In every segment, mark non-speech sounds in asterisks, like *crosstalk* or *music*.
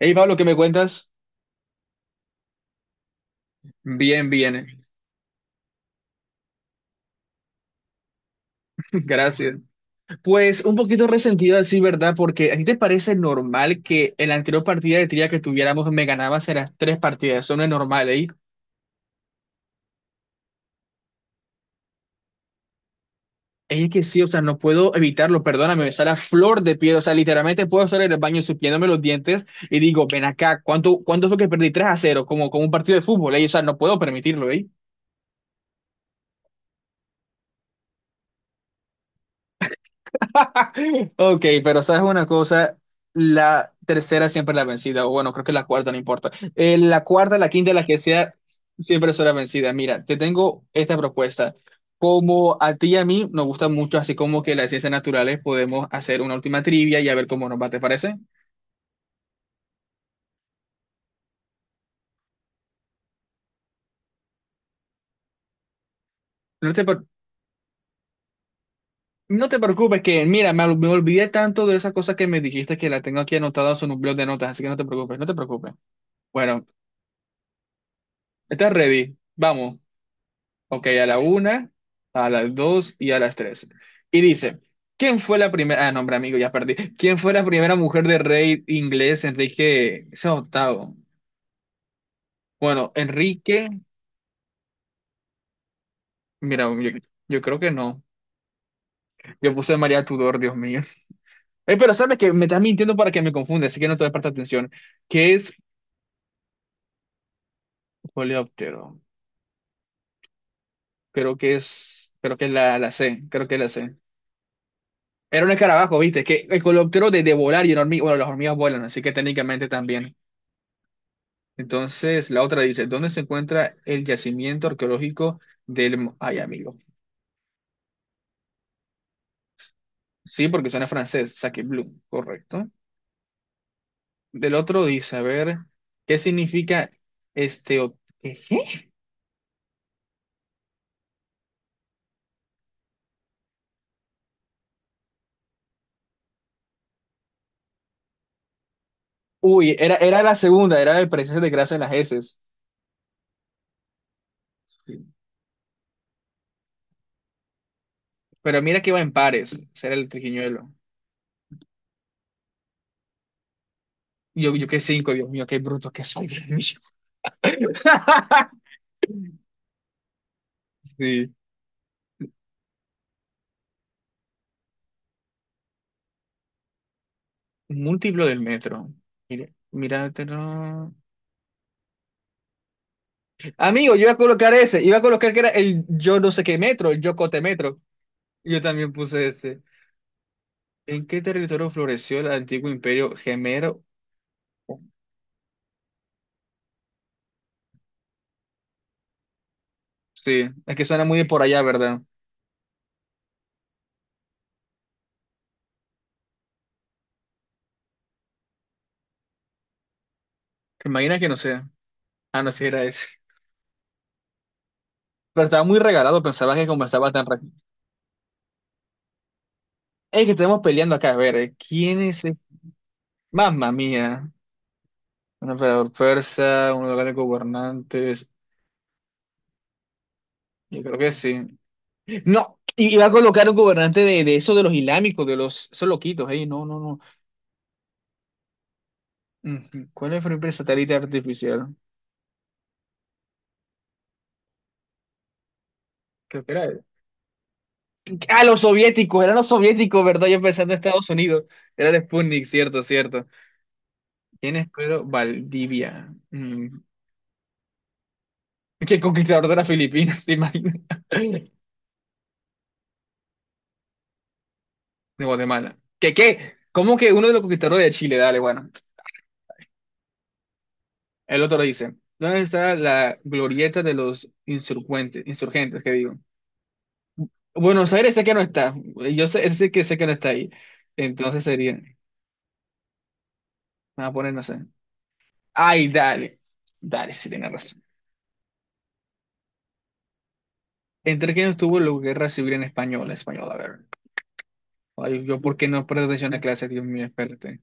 Hey Pablo, ¿qué me cuentas? Bien, bien, *laughs* gracias. Pues un poquito resentido así, ¿verdad? Porque ¿a ti te parece normal que en la anterior partida de trivia que tuviéramos me ganabas en las tres partidas? Eso no es normal, ¿eh? Es que sí, o sea, no puedo evitarlo, perdóname, me sale a flor de piel, o sea, literalmente puedo estar en el baño supiéndome los dientes y digo, ven acá, ¿cuánto fue que perdí 3-0, como un partido de fútbol, ¿eh? O sea, no puedo permitirlo, ¿eh? *laughs* Ok, pero sabes una cosa, la tercera siempre es la vencida, o bueno, creo que la cuarta, no importa. La cuarta, la quinta, la que sea, siempre es la vencida. Mira, te tengo esta propuesta. Como a ti y a mí nos gusta mucho, así como que las ciencias naturales, podemos hacer una última trivia y a ver cómo nos va, ¿te parece? No te, pre- no te preocupes, que mira, me olvidé tanto de esas cosas que me dijiste que la tengo aquí anotada en un blog de notas, así que no te preocupes, no te preocupes. Bueno, estás ready, vamos. Ok, a la una, a las dos y a las tres. Y dice, ¿quién fue la primera? Ah, nombre amigo, ya perdí. ¿Quién fue la primera mujer de rey inglés, Enrique ese octavo? Bueno, Enrique, mira, yo creo que no. Yo puse María Tudor, Dios mío. Pero sabes que me estás mintiendo para que me confunda, así que no te presta atención. ¿Qué es coleóptero? Creo que es la C, creo que es la C. Era un escarabajo, ¿viste? Que el coleóptero de volar y una hormiga, bueno, las hormigas vuelan, así que técnicamente también. Entonces, la otra dice, ¿dónde se encuentra el yacimiento arqueológico del... Ay, amigo. Sí, porque suena francés, Sacagbleu, correcto. Del otro dice, a ver, ¿qué significa este... ¿Qué? Uy, era la segunda, era de presencia de grasa en las heces. Pero mira que va en pares, será el triquiñuelo. Yo qué cinco, Dios mío, qué bruto que soy. Dios mío. *laughs* Sí. Múltiplo del metro. Mira, mira, Amigo, yo iba a colocar ese, iba a colocar que era el yo no sé qué metro, el Yocote metro. Y yo también puse ese. ¿En qué territorio floreció el antiguo imperio gemero? Sí, es que suena muy de por allá, ¿verdad? ¿Te imaginas que no sea? Ah, no, sí era ese. Pero estaba muy regalado, pensaba que conversaba tan rápido. Es que estamos peleando acá, a ver, ¿eh? ¿Quién es el... Mamma mía, un emperador persa, un lugar de gobernantes. Yo creo que sí. No, iba a colocar un gobernante de eso de los islámicos, de los, esos loquitos, ey, no, no, no. Ujú. ¿Cuál fue el primer satélite artificial? Creo que era él. Ah, los soviéticos, eran los soviéticos, ¿verdad? Yo pensando en Estados Unidos. Era el Sputnik, cierto, cierto. ¿Quién es Pedro Valdivia? Mm. ¿Qué conquistador de las Filipinas, te imaginas? *laughs* De Guatemala. ¿Qué? ¿Cómo que uno de los conquistadores de Chile? Dale, bueno. El otro dice, ¿dónde está la glorieta de los insurgentes? Insurgentes, qué digo. Buenos Aires sé que no está. Yo sé, sé que no está ahí. Entonces sería, me voy a poner, no sé. Ay, dale. Dale, sí, tienes razón. ¿Entre quién estuvo la guerra civil en español? En español, a ver. Ay, yo, ¿por qué no presto atención a clase? Dios mío, espérate.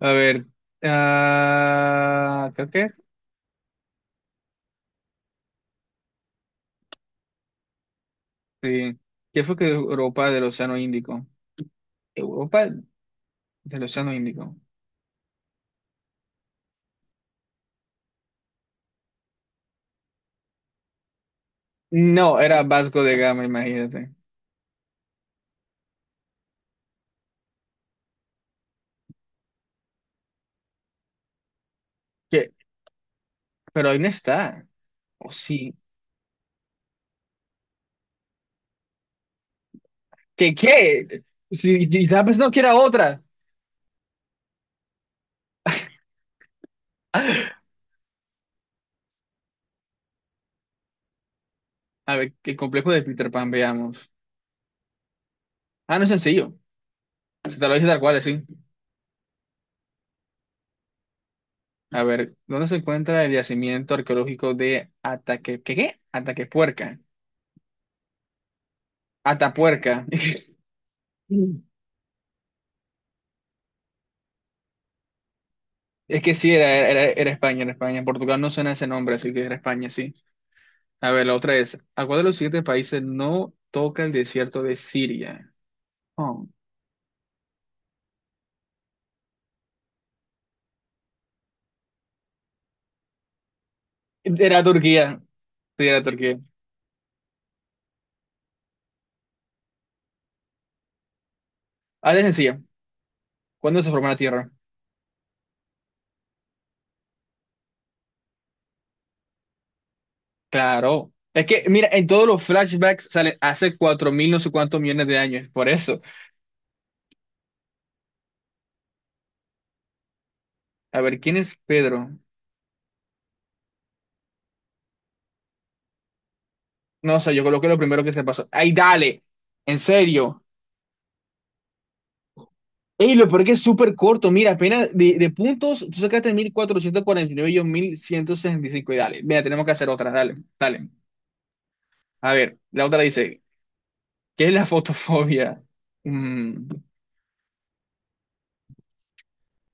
A ver. Ah, creo que sí. ¿Qué fue que Europa del Océano Índico? ¿Europa del Océano Índico? No, era Vasco de Gama, imagínate. ¿Qué? Pero ahí no está. ¿O sí? ¿Qué? Si estaba pensando que era otra. *laughs* A ver, qué complejo de Peter Pan, veamos. Ah, no es sencillo. Se te lo dije tal cual, sí. A ver, ¿dónde se encuentra el yacimiento arqueológico de Ataque... ¿Qué? Ataquepuerca. Atapuerca. *laughs* Es que sí, era España, era España. En Portugal no suena ese nombre, así que era España, sí. A ver, la otra es, ¿a cuál de los siguientes países no toca el desierto de Siria? Oh. Era Turquía. Sí, era Turquía. Ahora es sencilla. ¿Cuándo se formó la Tierra? Claro. Es que, mira, en todos los flashbacks sale hace cuatro mil no sé cuántos millones de años. Por eso. A ver, ¿quién es Pedro? No, o sea, yo coloqué lo primero que se pasó. ¡Ay, dale! En serio. Ey, lo peor que es súper corto. Mira, apenas de puntos, tú sacaste 1449 y yo 1165. Y cinco. Y dale, mira, tenemos que hacer otra. Dale, dale. A ver, la otra dice, ¿qué es la fotofobia? Mm,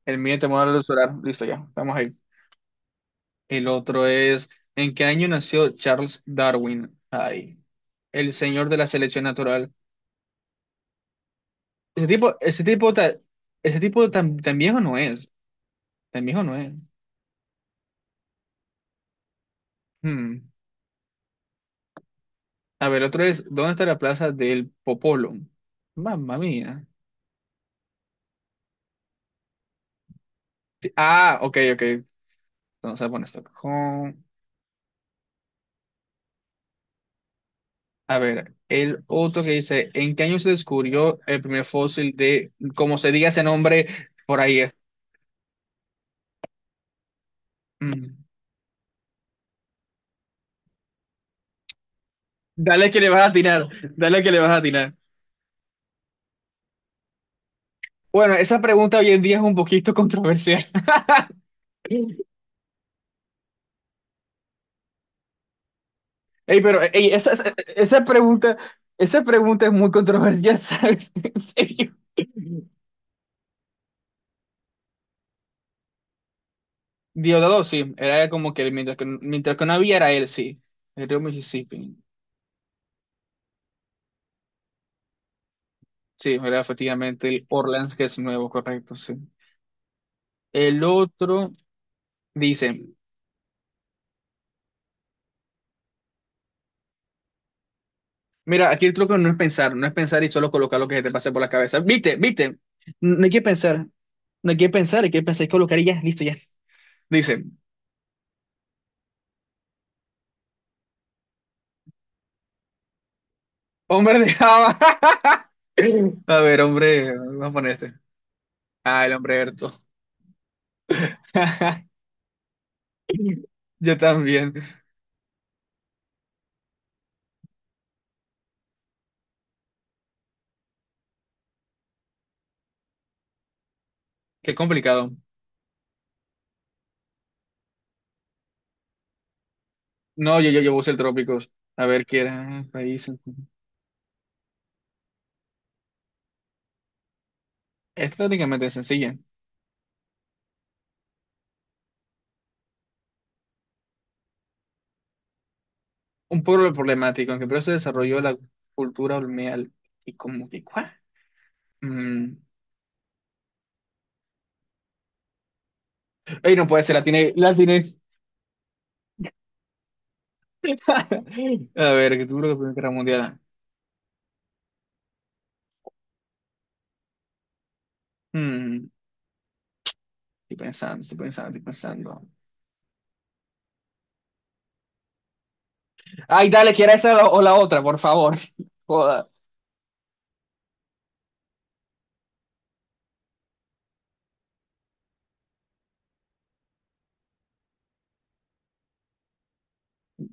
el miedo y temor al solar. Listo, ya, estamos ahí. El otro es, ¿en qué año nació Charles Darwin? Ay, el señor de la selección natural. Ese tipo, ese tipo, ta- Ese tipo tan, tan viejo no es. Tan viejo no es. Hmm. A ver, el otro es, ¿dónde está la plaza del Popolo? Mamma mía. Sí, ah, ok, ok. Entonces, bueno, Estocolmo. A ver, el otro que dice, ¿en qué año se descubrió el primer fósil de, como se diga ese nombre, por ahí es? Mm. Dale que le vas a tirar, dale que le vas a tirar. Bueno, esa pregunta hoy en día es un poquito controversial. *laughs* Ey, pero ey, esa pregunta, esa pregunta es muy controversial, *laughs* ¿sabes? En serio. Diosdado, sí, era como que mientras que no había era él, sí. El río Mississippi. Sí, era efectivamente el Orleans que es nuevo, correcto, sí. El otro dice, mira, aquí el truco no es pensar, no es pensar y solo colocar lo que se te pase por la cabeza. Viste, viste, no hay que pensar, no hay que pensar, hay que pensar y colocar y ya, listo, ya. Dice, hombre de Java. *laughs* A ver, hombre, vamos a poner este. Ah, el hombre Berto. *laughs* Yo también. Qué complicado. No, yo puse el Trópicos. A ver qué era. País. Es técnicamente sencilla. Un pueblo problemático, aunque primero se desarrolló la cultura olmeal. Y como que, ¿cuál? Mm. Ey, no puede ser, la tiene, la tiene. *laughs* A ver, que tuvo la Primera Guerra Mundial. Mm, estoy pensando, estoy pensando, estoy pensando. Ay, dale, que era esa la- o la otra, por favor. *laughs* Joda.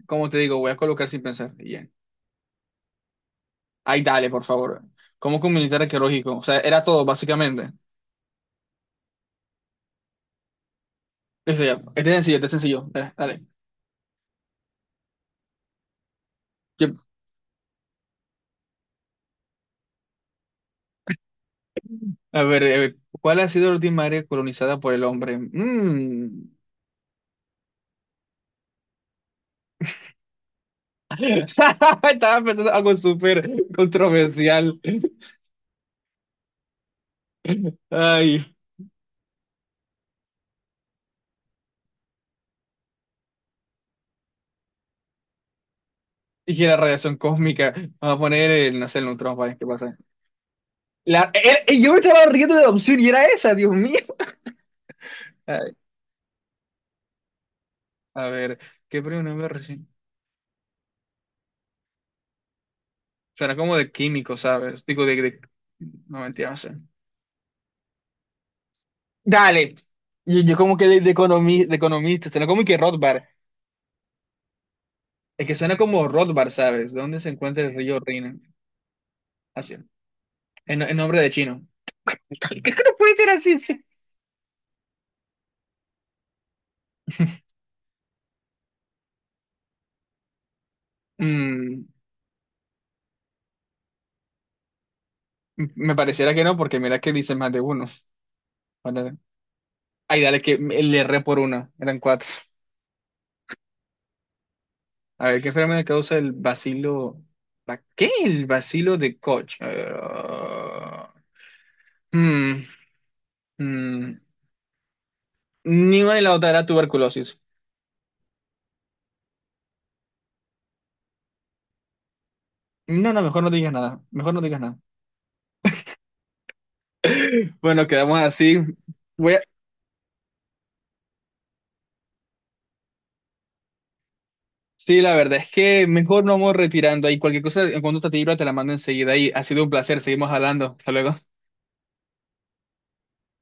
Como te digo, voy a colocar sin pensar. Y ya. Ay, dale, por favor. ¿Cómo que un militar arqueológico? O sea, era todo, básicamente. Eso ya. Este es sencillo, este es sencillo. Dale. Dale. Yo- a ver, ¿cuál ha sido la última área colonizada por el hombre? Mm. *laughs* Estaba pensando algo súper controversial. Ay, y la radiación cósmica. Vamos a poner el, no sé, el neutrón, vaya, ¿qué pasa? La, yo me estaba riendo de la opción y era esa, Dios mío. Ay, a ver, ¿qué premio Nobel recién? Será como de químico, ¿sabes? Digo, No, mentira, no sé. Dale. Yo como que de economista, de economista, será como que Rothbard. Es que suena como Rothbard, ¿sabes? ¿Dónde se encuentra el río Rin? Así, en nombre de chino. *laughs* ¿Qué que no puede ser así? ¿Sí? Mm, me pareciera que no, porque mira que dice más de uno. Ahora- Ay, dale, que me- le erré por una. Eran cuatro. A ver, ¿qué fenómeno causa el bacilo? ¿Qué? El bacilo de Koch. Ah, mm, mm. Ni una ni la otra era tuberculosis. No, no, mejor no digas nada. Mejor no digas nada. Bueno, quedamos así. Voy a- Sí, la verdad es que mejor no vamos retirando ahí. Cualquier cosa, en cuanto te libra, te la mando enseguida. Y ha sido un placer. Seguimos hablando. Hasta luego.